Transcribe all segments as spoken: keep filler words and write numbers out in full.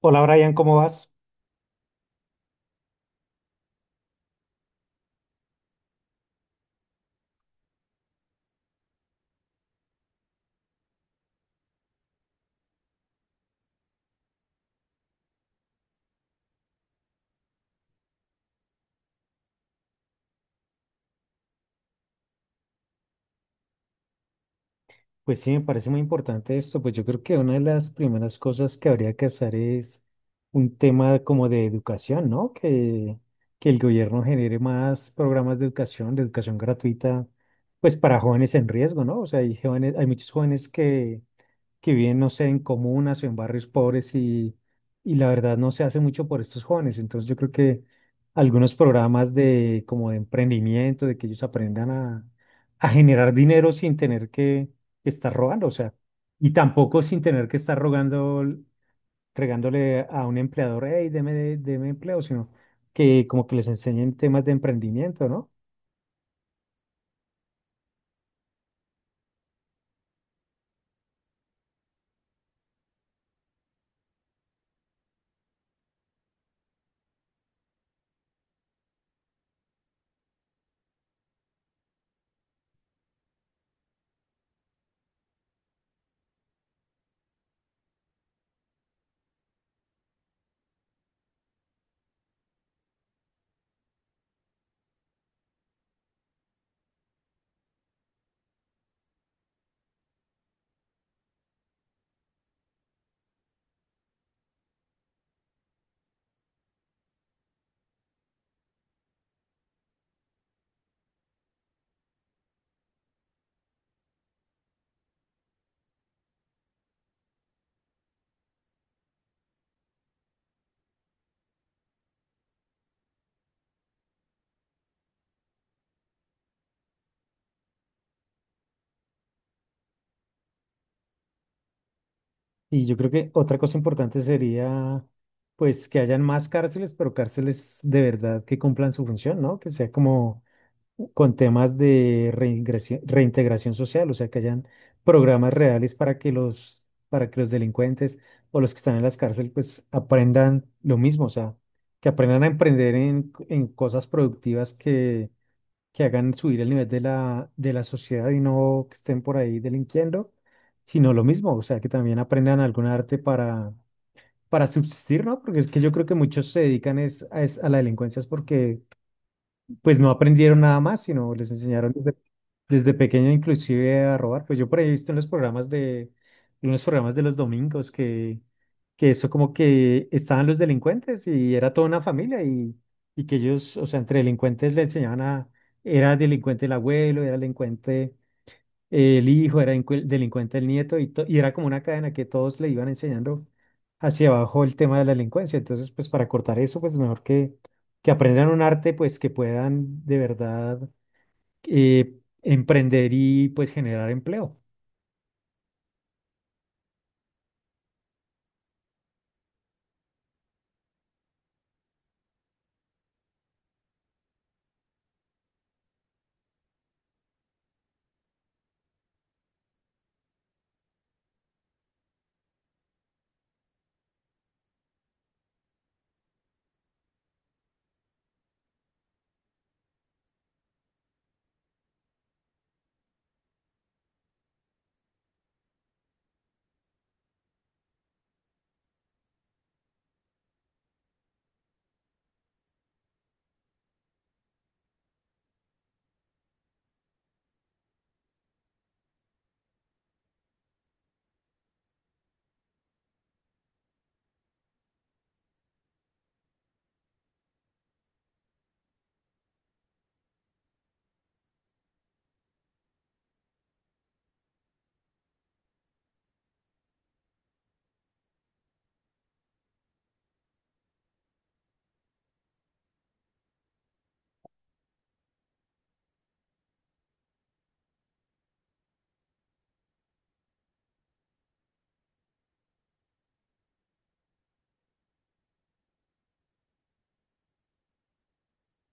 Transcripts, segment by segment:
Hola Brian, ¿cómo vas? Pues sí, me parece muy importante esto. Pues yo creo que una de las primeras cosas que habría que hacer es un tema como de educación, ¿no? Que, que el gobierno genere más programas de educación, de educación gratuita, pues para jóvenes en riesgo, ¿no? O sea, hay jóvenes, hay muchos jóvenes que, que viven, no sé, en comunas o en barrios pobres y, y la verdad no se hace mucho por estos jóvenes. Entonces yo creo que algunos programas de como de emprendimiento, de que ellos aprendan a, a generar dinero sin tener que estar robando, o sea, y tampoco sin tener que estar rogando, regándole a un empleador, hey, deme, deme empleo, sino que como que les enseñen temas de emprendimiento, ¿no? Y yo creo que otra cosa importante sería, pues, que hayan más cárceles, pero cárceles de verdad que cumplan su función, ¿no? Que sea como con temas de reingresi- reintegración social, o sea, que hayan programas reales para que los, para que los delincuentes o los que están en las cárceles, pues, aprendan lo mismo, o sea, que aprendan a emprender en, en cosas productivas que hagan subir el nivel de la, de la sociedad y no que estén por ahí delinquiendo, sino lo mismo, o sea, que también aprendan algún arte para, para subsistir, ¿no? Porque es que yo creo que muchos se dedican es, a, es- a la delincuencia es porque pues no aprendieron nada más, sino les enseñaron desde, desde pequeño inclusive a robar. Pues yo por ahí he visto en los programas de, en los programas de los domingos que, que eso como que estaban los delincuentes y era toda una familia y, y que ellos, o sea, entre delincuentes le enseñaban a, era delincuente el abuelo, era delincuente el hijo era incu- delincuente, el nieto, y, to- y era como una cadena que todos le iban enseñando hacia abajo el tema de la delincuencia. Entonces, pues para cortar eso, pues mejor que, que aprendan un arte, pues que puedan de verdad eh, emprender y pues generar empleo.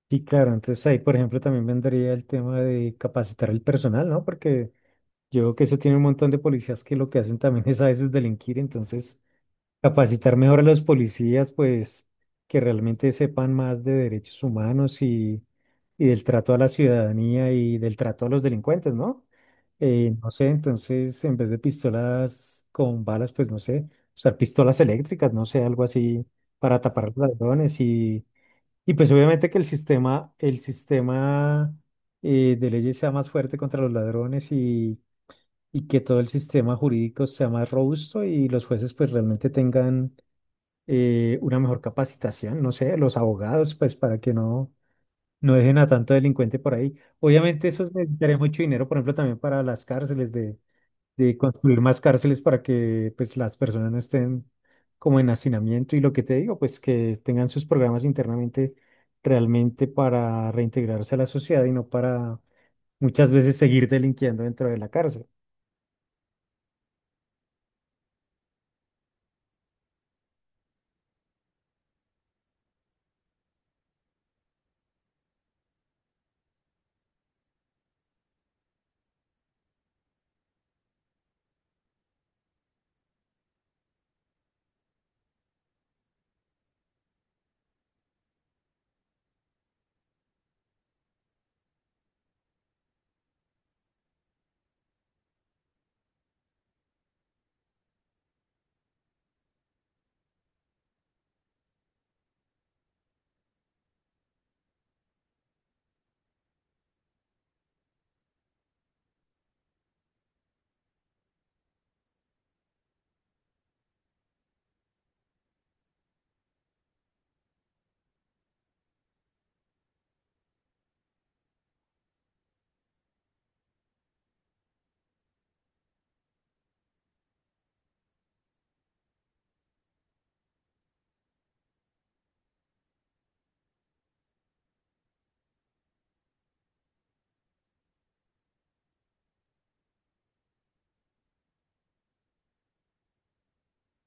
Sí, claro, entonces ahí, por ejemplo, también vendría el tema de capacitar el personal, ¿no? Porque yo creo que eso tiene un montón de policías que lo que hacen también es a veces delinquir, entonces capacitar mejor a los policías, pues que realmente sepan más de derechos humanos y, y del trato a la ciudadanía y del trato a los delincuentes, ¿no? Eh, no sé, entonces en vez de pistolas con balas, pues no sé, usar pistolas eléctricas, no sé, algo así para tapar a los ladrones y, y pues obviamente que el sistema, el sistema eh, de leyes sea más fuerte contra los ladrones y, y que todo el sistema jurídico sea más robusto y los jueces pues realmente tengan eh, una mejor capacitación, no sé, los abogados, pues para que no, no dejen a tanto delincuente por ahí. Obviamente eso necesitaría mucho dinero, por ejemplo, también para las cárceles, de, de construir más cárceles para que pues las personas no estén como en hacinamiento y lo que te digo, pues que tengan sus programas internamente realmente para reintegrarse a la sociedad y no para muchas veces seguir delinquiendo dentro de la cárcel.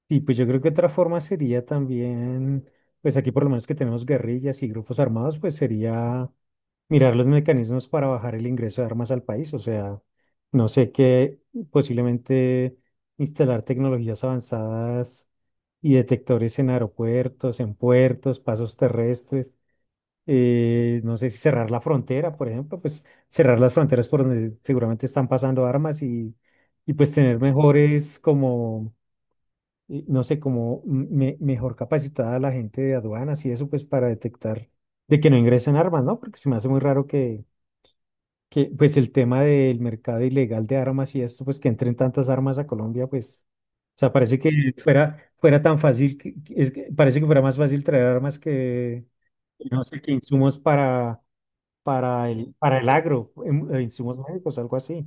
Y pues yo creo que otra forma sería también, pues aquí por lo menos que tenemos guerrillas y grupos armados, pues sería mirar los mecanismos para bajar el ingreso de armas al país. O sea, no sé qué, posiblemente instalar tecnologías avanzadas y detectores en aeropuertos, en puertos, pasos terrestres. Eh, no sé si cerrar la frontera, por ejemplo, pues cerrar las fronteras por donde seguramente están pasando armas y, y pues tener mejores como y no sé, como me- mejor capacitada la gente de aduanas y eso, pues para detectar de que no ingresen armas, ¿no? Porque se me hace muy raro que, que pues el tema del mercado ilegal de armas y esto, pues que entren tantas armas a Colombia, pues, o sea, parece que fuera, fuera tan fácil, que- que- es que parece que fuera más fácil traer armas que, que no sé, que insumos para, para el, para el agro, em- eh, insumos médicos, algo así.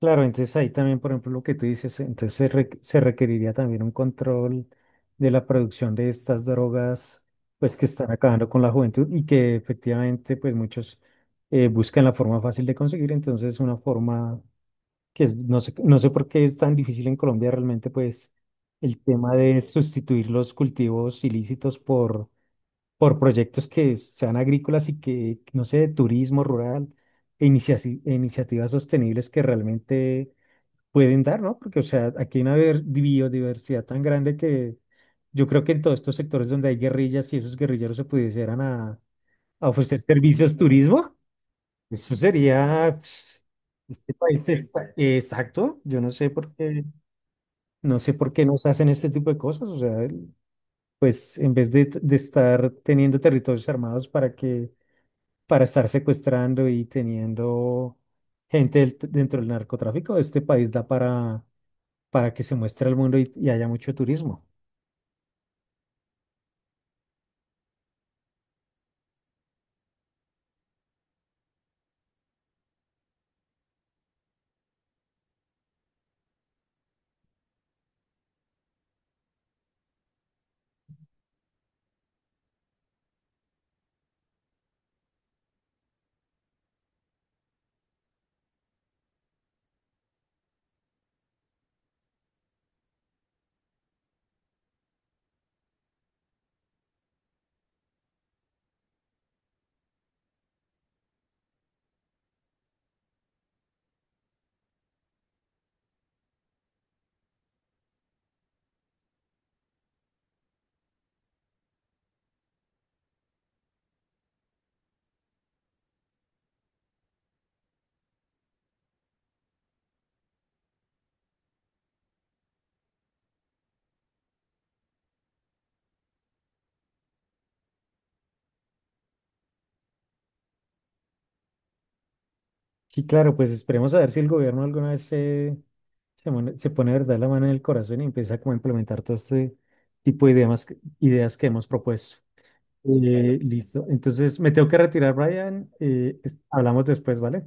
Claro, entonces ahí también, por ejemplo, lo que tú dices, entonces se, re- se requeriría también un control de la producción de estas drogas, pues que están acabando con la juventud y que efectivamente, pues muchos eh, buscan la forma fácil de conseguir, entonces una forma que es, no sé, no sé por qué es tan difícil en Colombia realmente, pues el tema de sustituir los cultivos ilícitos por, por proyectos que sean agrícolas y que, no sé, de turismo rural e inicia- e iniciativas sostenibles que realmente pueden dar, ¿no? Porque, o sea, aquí hay una ver- biodiversidad tan grande que yo creo que en todos estos sectores donde hay guerrillas, si esos guerrilleros se pudieran a, a ofrecer servicios turismo, eso sería, pues, este país está, exacto, yo no sé por qué, no sé por qué nos hacen este tipo de cosas, o sea, el- pues en vez de, de estar teniendo territorios armados para que, para estar secuestrando y teniendo gente del- dentro del narcotráfico, este país da para para que se muestre al mundo y, y haya mucho turismo. Sí, claro, pues esperemos a ver si el gobierno alguna vez se, se, mon- se pone de verdad la mano en el corazón y empieza como a implementar todo este tipo de ideas, que- ideas que hemos propuesto. Eh, listo, entonces me tengo que retirar, Brian. Eh, es- hablamos después, ¿vale?